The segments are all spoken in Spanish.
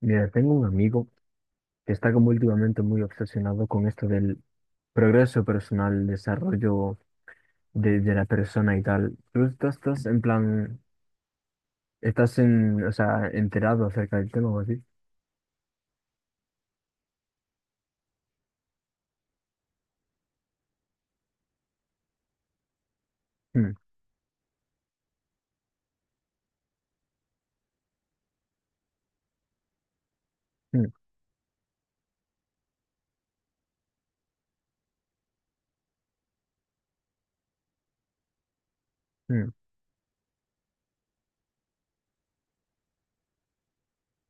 Mira, tengo un amigo que está como últimamente muy obsesionado con esto del progreso personal, desarrollo de la persona y tal. ¿Tú estás en plan, estás en, o sea, enterado acerca del tema o así? Mm, mm, mm.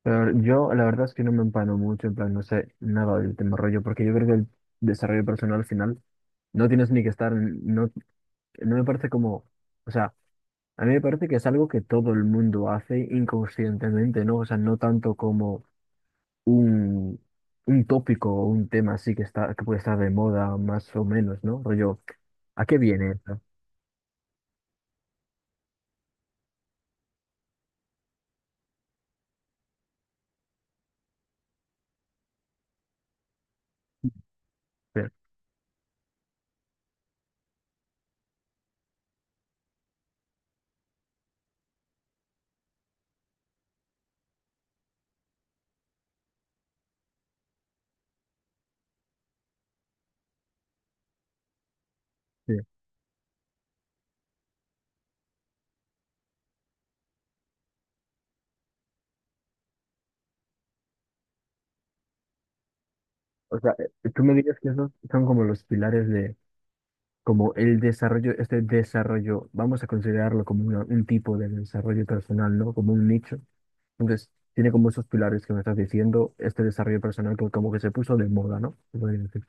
Pero yo la verdad es que no me empano mucho, en plan, no sé nada del tema rollo, porque yo creo que el desarrollo personal al final no tienes ni que estar, en- no, no me parece como, o sea, a mí me parece que es algo que todo el mundo hace inconscientemente, ¿no? O sea, no tanto como un, un tópico o un tema así que está, que puede estar de moda más o menos, ¿no? Rollo, ¿a qué viene eso? Sí, sí. O sea, tú me dirías que esos son como los pilares como el desarrollo, este desarrollo, vamos a considerarlo como una- un tipo de desarrollo personal, ¿no? Como un nicho. Entonces, tiene como esos pilares que me estás diciendo, este desarrollo personal que como que se puso de moda, ¿no? Se podría decir.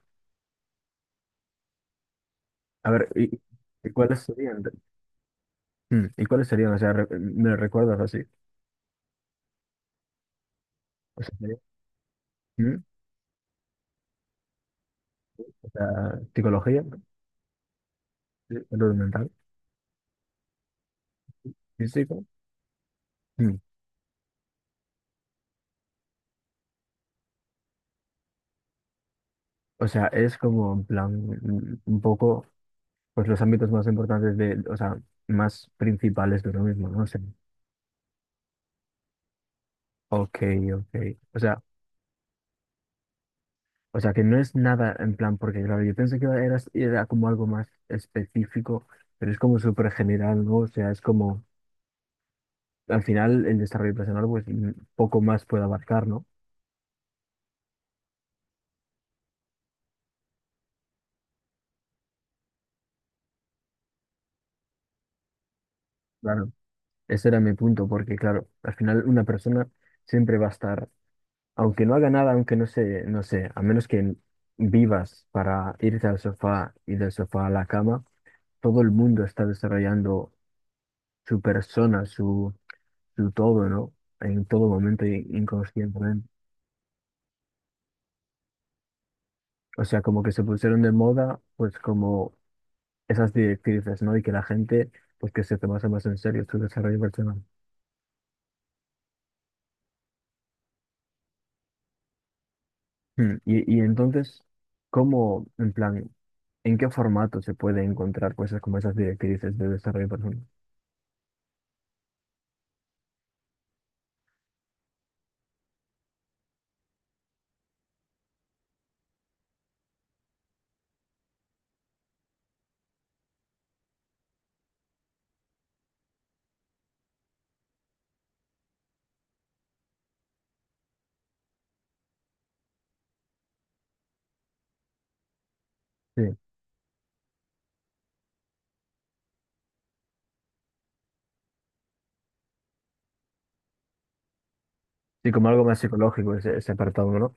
A ver, y cuáles serían? Mm, ¿y cuáles serían? O sea, re- me recuerdas así. O sea, sería- mm, o sea, psicología, ¿no? Sí, salud mental, físico. Mm. O sea, es como en plan, mm, un poco, pues los ámbitos más importantes de, o sea, más principales de uno mismo, ¿no? Ok, ok. O sea, o sea que no es nada en plan, porque claro, yo pensé que era como algo más específico, pero es como súper general, ¿no? O sea, es como, al final el desarrollo personal, pues mm, poco más puede abarcar, ¿no? Claro, ese era mi punto, porque claro, al final una persona siempre va a estar, aunque no haga nada, aunque no se no sé, a menos que vivas para irte al sofá y del sofá a la cama, todo el mundo está desarrollando su persona, su en todo, ¿no? En todo momento, in- inconscientemente. O sea, como que se pusieron de moda, pues como esas directrices, ¿no? Y que la gente, pues que se tomase más en serio su desarrollo personal. Hmm. Y entonces, ¿cómo, en plan, en qué formato se puede encontrar cosas como esas directrices de desarrollo personal? Sí, sí, como algo más psicológico ese, ese apartado, ¿no?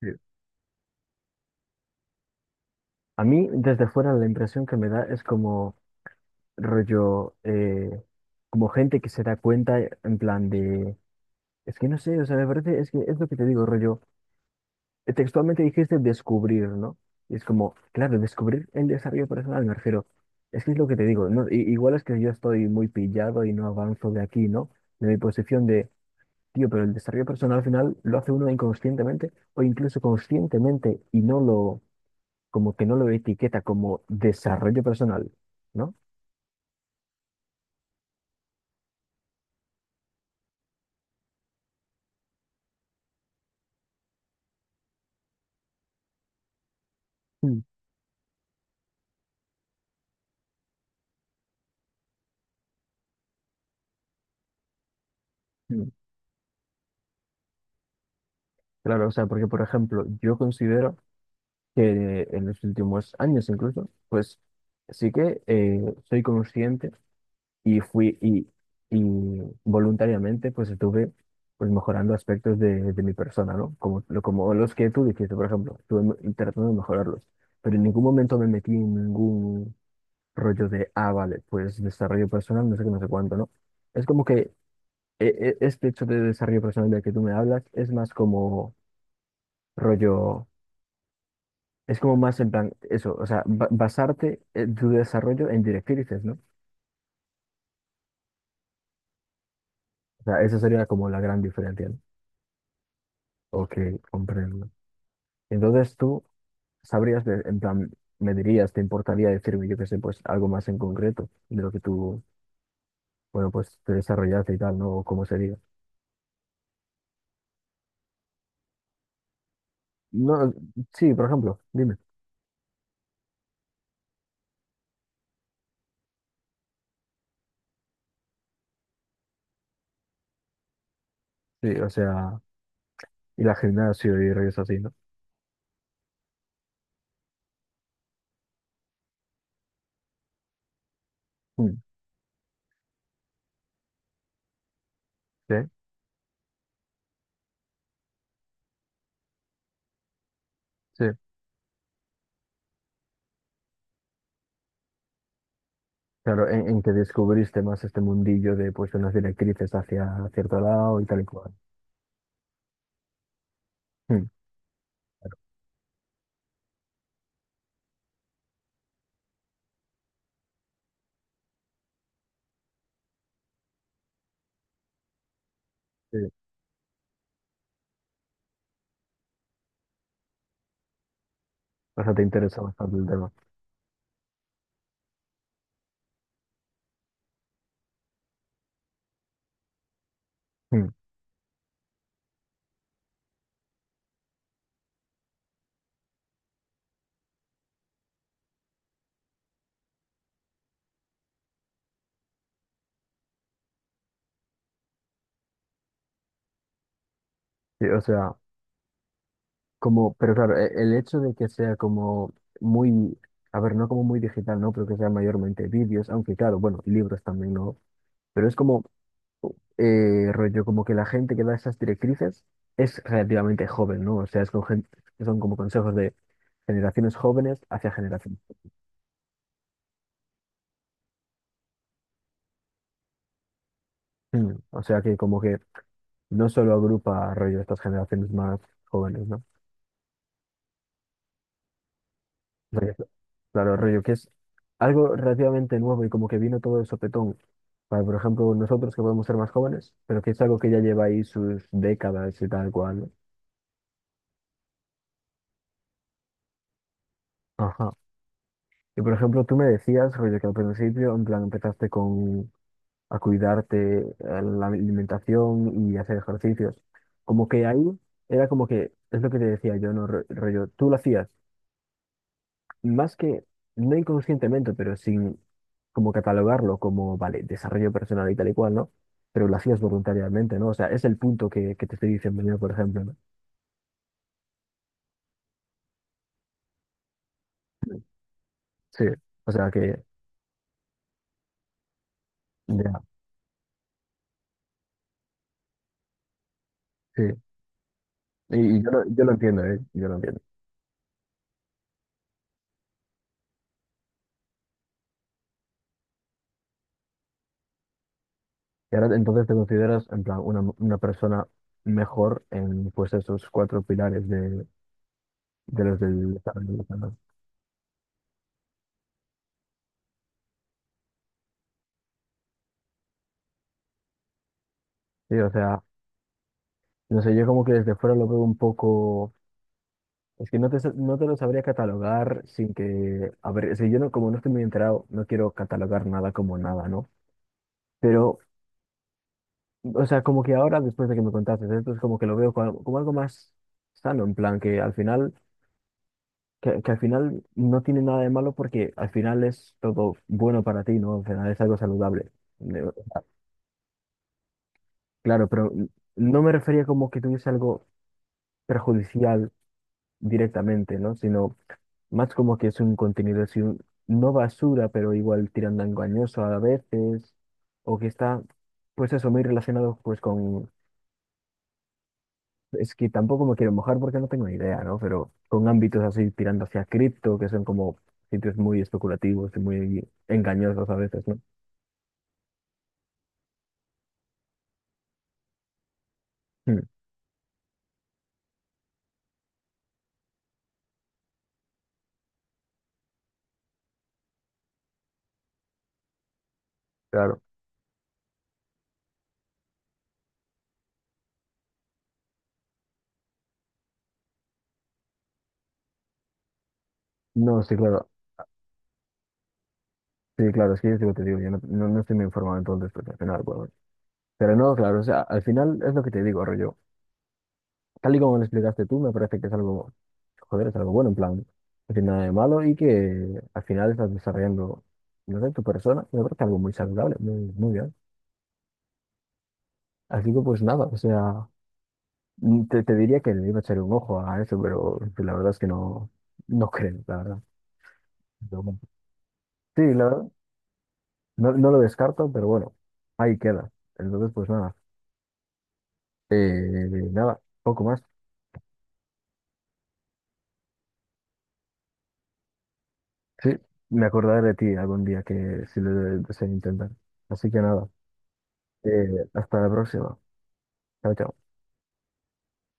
Sí. A mí, desde fuera, la impresión que me da es como rollo, como gente que se da cuenta, en plan de. Es que no sé, o sea, me parece, es que es lo que te digo, rollo. Textualmente dijiste descubrir, ¿no? Y es como, claro, descubrir el desarrollo personal, me refiero. Es que es lo que te digo, ¿no? I- igual es que yo estoy muy pillado y no avanzo de aquí, ¿no? De mi posición de, tío, pero el desarrollo personal al final lo hace uno inconscientemente o incluso conscientemente y no lo, como que no lo etiqueta como desarrollo personal, ¿no? Mm, mm. Claro, o sea, porque por ejemplo, yo considero que en los últimos años incluso, pues sí que soy consciente y fui y voluntariamente pues estuve pues mejorando aspectos de mi persona, ¿no? Como, lo- como los que tú dijiste, por ejemplo, estuve me- tratando de mejorarlos, pero en ningún momento me metí en ningún rollo de, ah, vale, pues desarrollo personal, no sé qué, no sé cuánto, ¿no? Es como que este hecho de desarrollo personal del que tú me hablas es más como rollo. Es como más en plan, eso, o sea, ba- basarte en tu desarrollo en directrices, ¿no? O sea, esa sería como la gran diferencia, ¿no? Ok, comprendo. Entonces tú sabrías, de- en plan, me dirías, te importaría decirme, yo qué sé, pues algo más en concreto de lo que tú, bueno, pues te desarrollaste y tal, ¿no? O cómo sería. No, sí, por ejemplo, dime. Sí, o sea, y la gimnasio y rollos así, ¿no? Mm. Sí, sí. Claro, en que descubriste más este mundillo de, pues, unas directrices hacia cierto lado y tal y cual. Mm. Sí. O sea, te interesa bastante el tema. Mm. Sí, o sea, como, pero claro, e- el hecho de que sea como muy, a ver, no como muy digital, ¿no? Pero que sea mayormente vídeos, aunque claro, bueno, y libros también, ¿no? Pero es como, rollo, como que la gente que da esas directrices es relativamente joven, ¿no? O sea, es con gente, son como consejos de generaciones jóvenes hacia generación. Mm. O sea, que como que no solo agrupa, rollo, estas generaciones más jóvenes, ¿no? Rollo-. Claro, rollo, que es algo relativamente nuevo y como que vino todo de sopetón. Para, por ejemplo, nosotros que podemos ser más jóvenes, pero que es algo que ya lleva ahí sus décadas y tal cual, ¿no? Ajá. Y por ejemplo, tú me decías, rollo, que al principio, en plan, empezaste con a cuidarte la alimentación y hacer ejercicios. Como que ahí era como que, es lo que te decía yo, ¿no? Ro- Rollo, tú lo hacías, más que, no inconscientemente, pero sin como catalogarlo como, vale, desarrollo personal y tal y cual, ¿no? Pero lo hacías voluntariamente, ¿no? O sea, es el punto que te estoy diciendo yo, por ejemplo, ¿no? Sí, o sea que, ya, sí. Y yo lo entiendo, ¿eh? Yo lo entiendo. Y ahora entonces te consideras, en plan, una persona mejor en, pues, esos cuatro pilares de los del desarrollo personal. Sí, o sea, no sé, yo como que desde fuera lo veo un poco... Es que no te, sa- no te lo sabría catalogar sin que... A ver, si yo no, como no estoy muy enterado, no quiero catalogar nada como nada, ¿no? Pero, o sea, como que ahora, después de que me contaste esto, es como que lo veo como, como algo más sano, en plan, que al final, que al final no tiene nada de malo porque al final es todo bueno para ti, ¿no? Al final es algo saludable. Ne-. Claro, pero no me refería como que tuviese algo perjudicial directamente, ¿no? Sino más como que es un contenido, así, un- no basura, pero igual tirando a engañoso a veces, o que está, pues eso, muy relacionado pues con. Es que tampoco me quiero mojar porque no tengo ni idea, ¿no? Pero con ámbitos así tirando hacia cripto, que son como sitios muy especulativos y muy engañosos a veces, ¿no? Mm, claro. No, sí, claro. Sí, claro, es que yo te digo, yo no, no, no estoy muy informado entonces, porque al final, pues, bueno. Pero no, claro, o sea, al final es lo que te digo, rollo. Tal y como lo explicaste tú, me parece que es algo, joder, es algo bueno, en plan, no tiene nada de malo y que al final estás desarrollando, no sé, tu persona, me parece algo muy saludable, muy, muy bien. Así que pues nada, o sea. Mm. Te diría que le iba a echar un ojo a eso, pero la verdad es que no, no creo, la verdad. Pero bueno. Sí, la verdad, no, no lo descarto, pero bueno, ahí queda. Entonces, pues nada, eh, nada, poco más. Sí, me acordaré de ti algún día que si lo de- deseo intentar. Así que nada, eh, hasta la próxima. Chao, chao.